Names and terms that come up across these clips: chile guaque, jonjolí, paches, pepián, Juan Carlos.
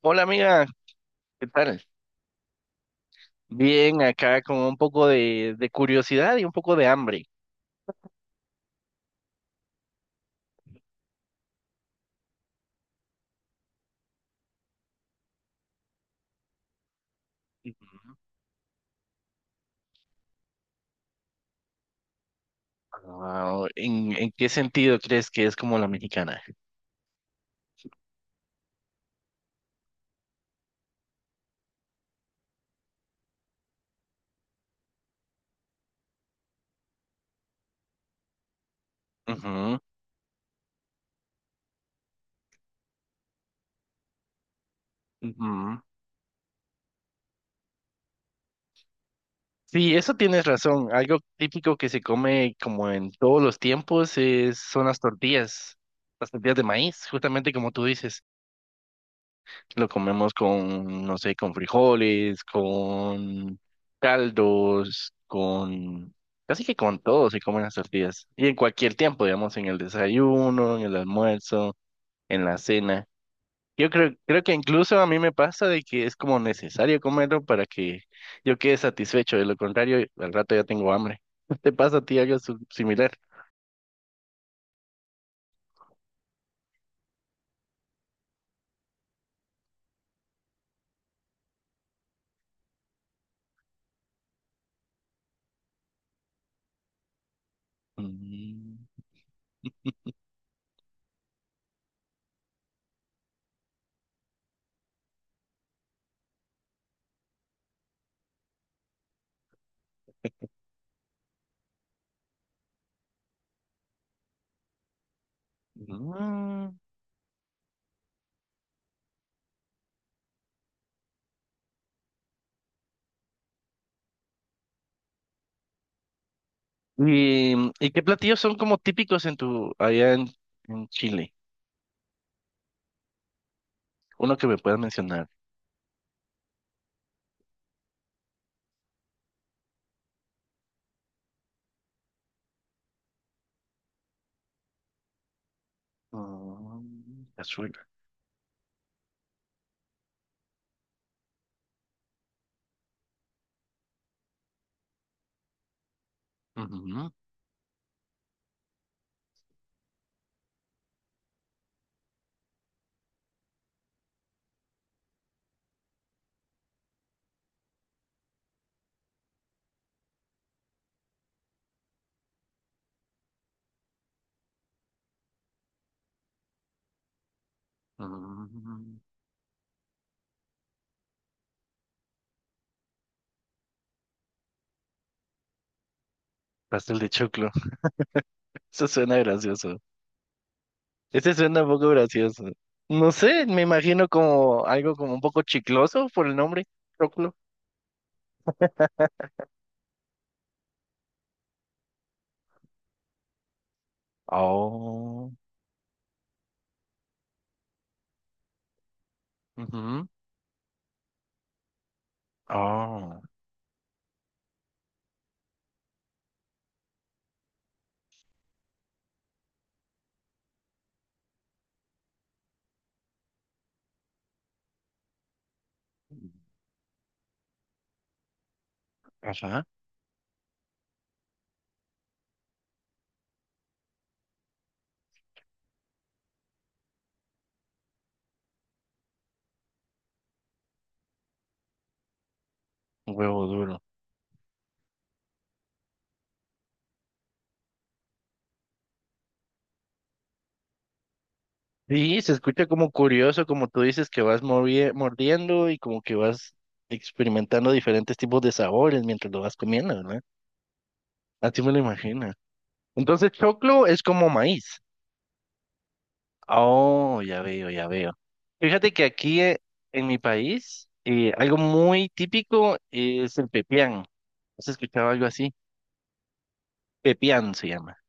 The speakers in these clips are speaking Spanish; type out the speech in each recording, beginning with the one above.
Hola amiga, ¿qué tal? Bien, acá con un poco de curiosidad y un poco de hambre. Ujú. Ah, en qué sentido crees que es como la mexicana? Ujú, ujú. Sí, eso tienes razón. Algo típico que se come como en todos los tiempos es, son las tortillas de maíz, justamente como tú dices. Lo comemos con, no sé, con frijoles, con caldos, con... Casi que con todo se comen las tortillas. Y en cualquier tiempo, digamos, en el desayuno, en el almuerzo, en la cena. Yo creo, creo que incluso a mí me pasa de que es como necesario comerlo para que yo quede satisfecho. De lo contrario, al rato ya tengo hambre. ¿Te pasa a ti algo similar? Mm, mm. ¿Y, y qué platillos son como típicos en tu, allá en Chile? Uno que me puedas mencionar. Mm, cazuela. Ujú, mm, pastel de choclo. Eso suena gracioso. Ese suena un poco gracioso. No sé, me imagino como algo como un poco chicloso por el nombre, choclo. Oh, ujú, oh, ajá, huevo duro. Sí, se escucha como curioso, como tú dices, que vas mordiendo y como que vas experimentando diferentes tipos de sabores mientras lo vas comiendo, ¿verdad? Así me lo imagino. Entonces, choclo es como maíz. Oh, ya veo, ya veo. Fíjate que aquí en mi país, algo muy típico es el pepián. ¿Has escuchado algo así? Pepián se llama.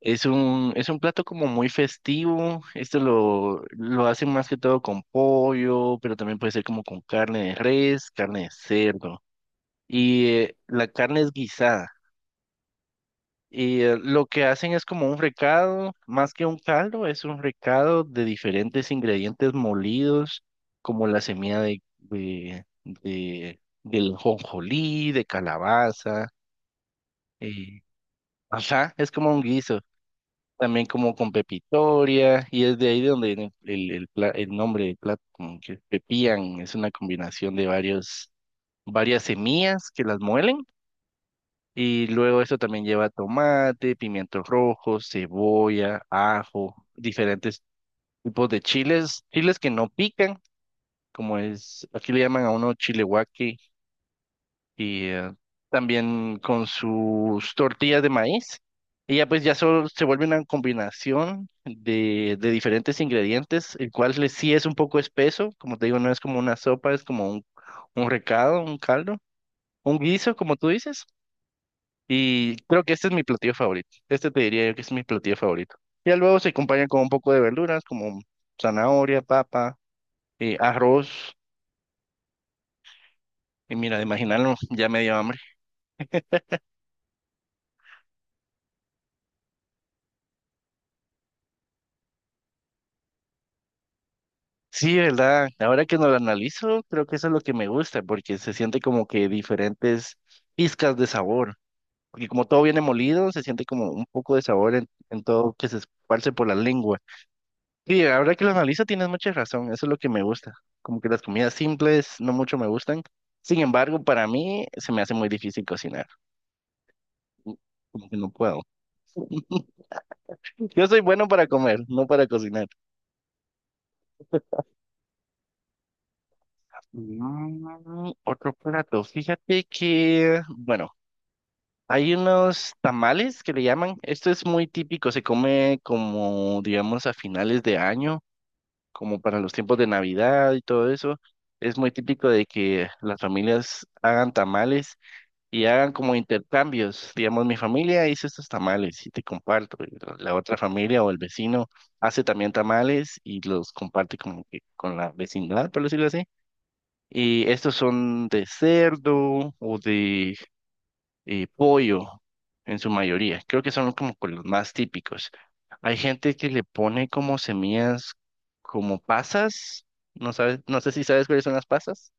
Es un plato como muy festivo. Esto lo hacen más que todo con pollo, pero también puede ser como con carne de res, carne de cerdo. Y la carne es guisada. Y lo que hacen es como un recado, más que un caldo, es un recado de diferentes ingredientes molidos, como la semilla del jonjolí, de calabaza. eh, ajá, es como un guiso. También como con pepitoria, y es de ahí de donde viene el nombre del plato, como que pepián, es una combinación de varios, varias semillas que las muelen, y luego esto también lleva tomate, pimientos rojos, cebolla, ajo, diferentes tipos de chiles, chiles que no pican, como es, aquí le llaman a uno chile guaque, y también con sus tortillas de maíz. Y ya pues ya solo se vuelve una combinación de diferentes ingredientes, el cual sí es un poco espeso, como te digo, no es como una sopa, es como un recado, un caldo, un guiso, como tú dices. Y creo que este es mi platillo favorito. Este te diría yo que es mi platillo favorito. Ya luego se acompaña con un poco de verduras, como zanahoria, papa, arroz. Y mira, de imaginarlo, ya me dio hambre. Sí, ¿verdad? Ahora que no lo analizo, creo que eso es lo que me gusta, porque se siente como que diferentes pizcas de sabor. Porque como todo viene molido, se siente como un poco de sabor en todo que se esparce por la lengua. Y ahora que lo analizo, tienes mucha razón, eso es lo que me gusta. Como que las comidas simples no mucho me gustan. Sin embargo, para mí se me hace muy difícil cocinar. Mm. Como que no puedo. Yo soy bueno para comer, no para cocinar. Mm, otro plato, fíjate que, bueno. Hay unos tamales que le llaman. Esto es muy típico, se come como, digamos, a finales de año, como para los tiempos de Navidad y todo eso. Es muy típico de que las familias hagan tamales y hagan como intercambios. Digamos, mi familia hizo estos tamales y te comparto. Y la otra familia o el vecino hace también tamales y los comparte como que con la vecindad, por decirlo así. Y estos son de cerdo o de pollo en su mayoría. Creo que son como con los más típicos. Hay gente que le pone como semillas, como pasas. No sabes, no sé si sabes cuáles son las pasas.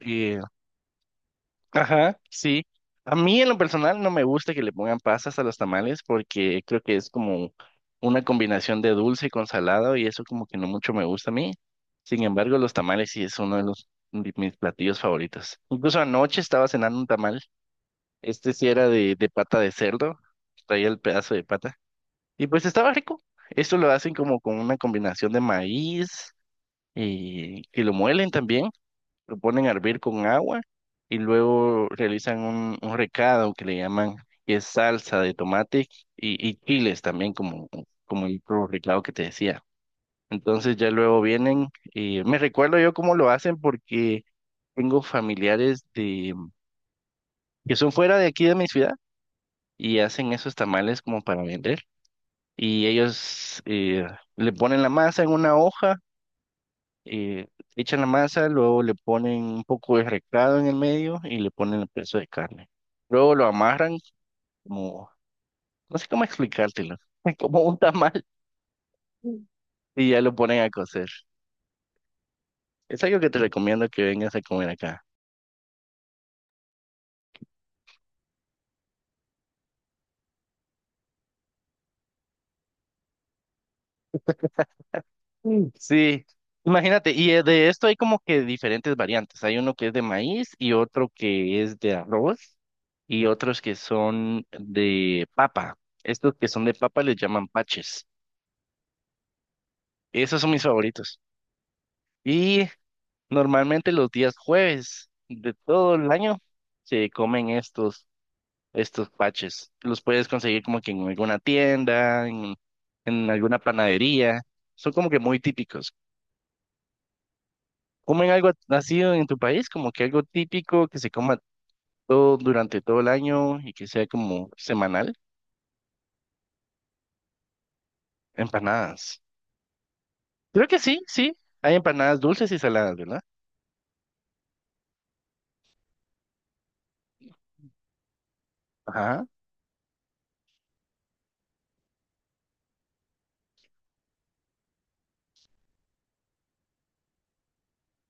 Eh, Ajá, sí. A mí en lo personal no me gusta que le pongan pasas a los tamales porque creo que es como una combinación de dulce con salado y eso como que no mucho me gusta a mí. Sin embargo, los tamales sí es uno de los de mis platillos favoritos. Incluso anoche estaba cenando un tamal, este sí era de pata de cerdo, traía el pedazo de pata. Y pues estaba rico. Esto lo hacen como con una combinación de maíz y que lo muelen también, lo ponen a hervir con agua y luego realizan un recado que le llaman, que es salsa de tomate y chiles también, como, como el otro recado que te decía. Entonces ya luego vienen y me recuerdo yo cómo lo hacen porque tengo familiares que son fuera de aquí de mi ciudad y hacen esos tamales como para vender. Y ellos le ponen la masa en una hoja, eh, echan la masa, luego le ponen un poco de recado en el medio y le ponen el pedazo de carne. Luego lo amarran como, no sé cómo explicártelo, como un tamal y ya lo ponen a cocer. Es algo que te recomiendo que vengas a comer acá. Mm. Sí, imagínate, y de esto hay como que diferentes variantes. Hay uno que es de maíz y otro que es de arroz y otros que son de papa. Estos que son de papa les llaman paches. Esos son mis favoritos. Y normalmente los días jueves de todo el año se comen estos, estos paches. Los puedes conseguir como que en alguna tienda, en alguna panadería. Son como que muy típicos. ¿Comen algo así en tu país? Como que algo típico que se coma todo durante todo el año y que sea como semanal. Empanadas. Creo que sí, sí. Hay empanadas dulces y saladas, ¿verdad? Ajá.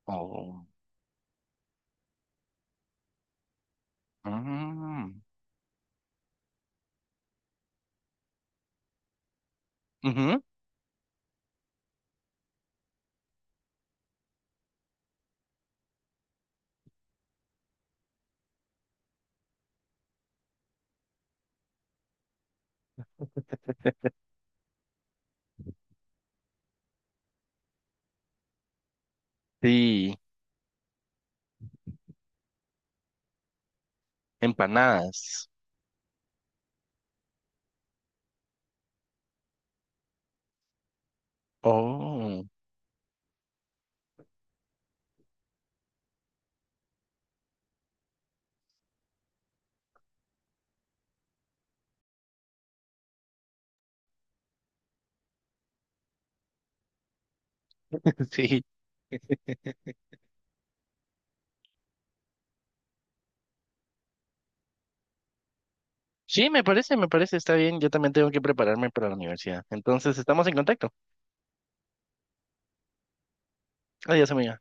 Oh. Mm, ujú, sí, empanadas. Oh, sí. Sí, me parece, está bien. Yo también tengo que prepararme para la universidad. Entonces, estamos en contacto. Adiós, amiga.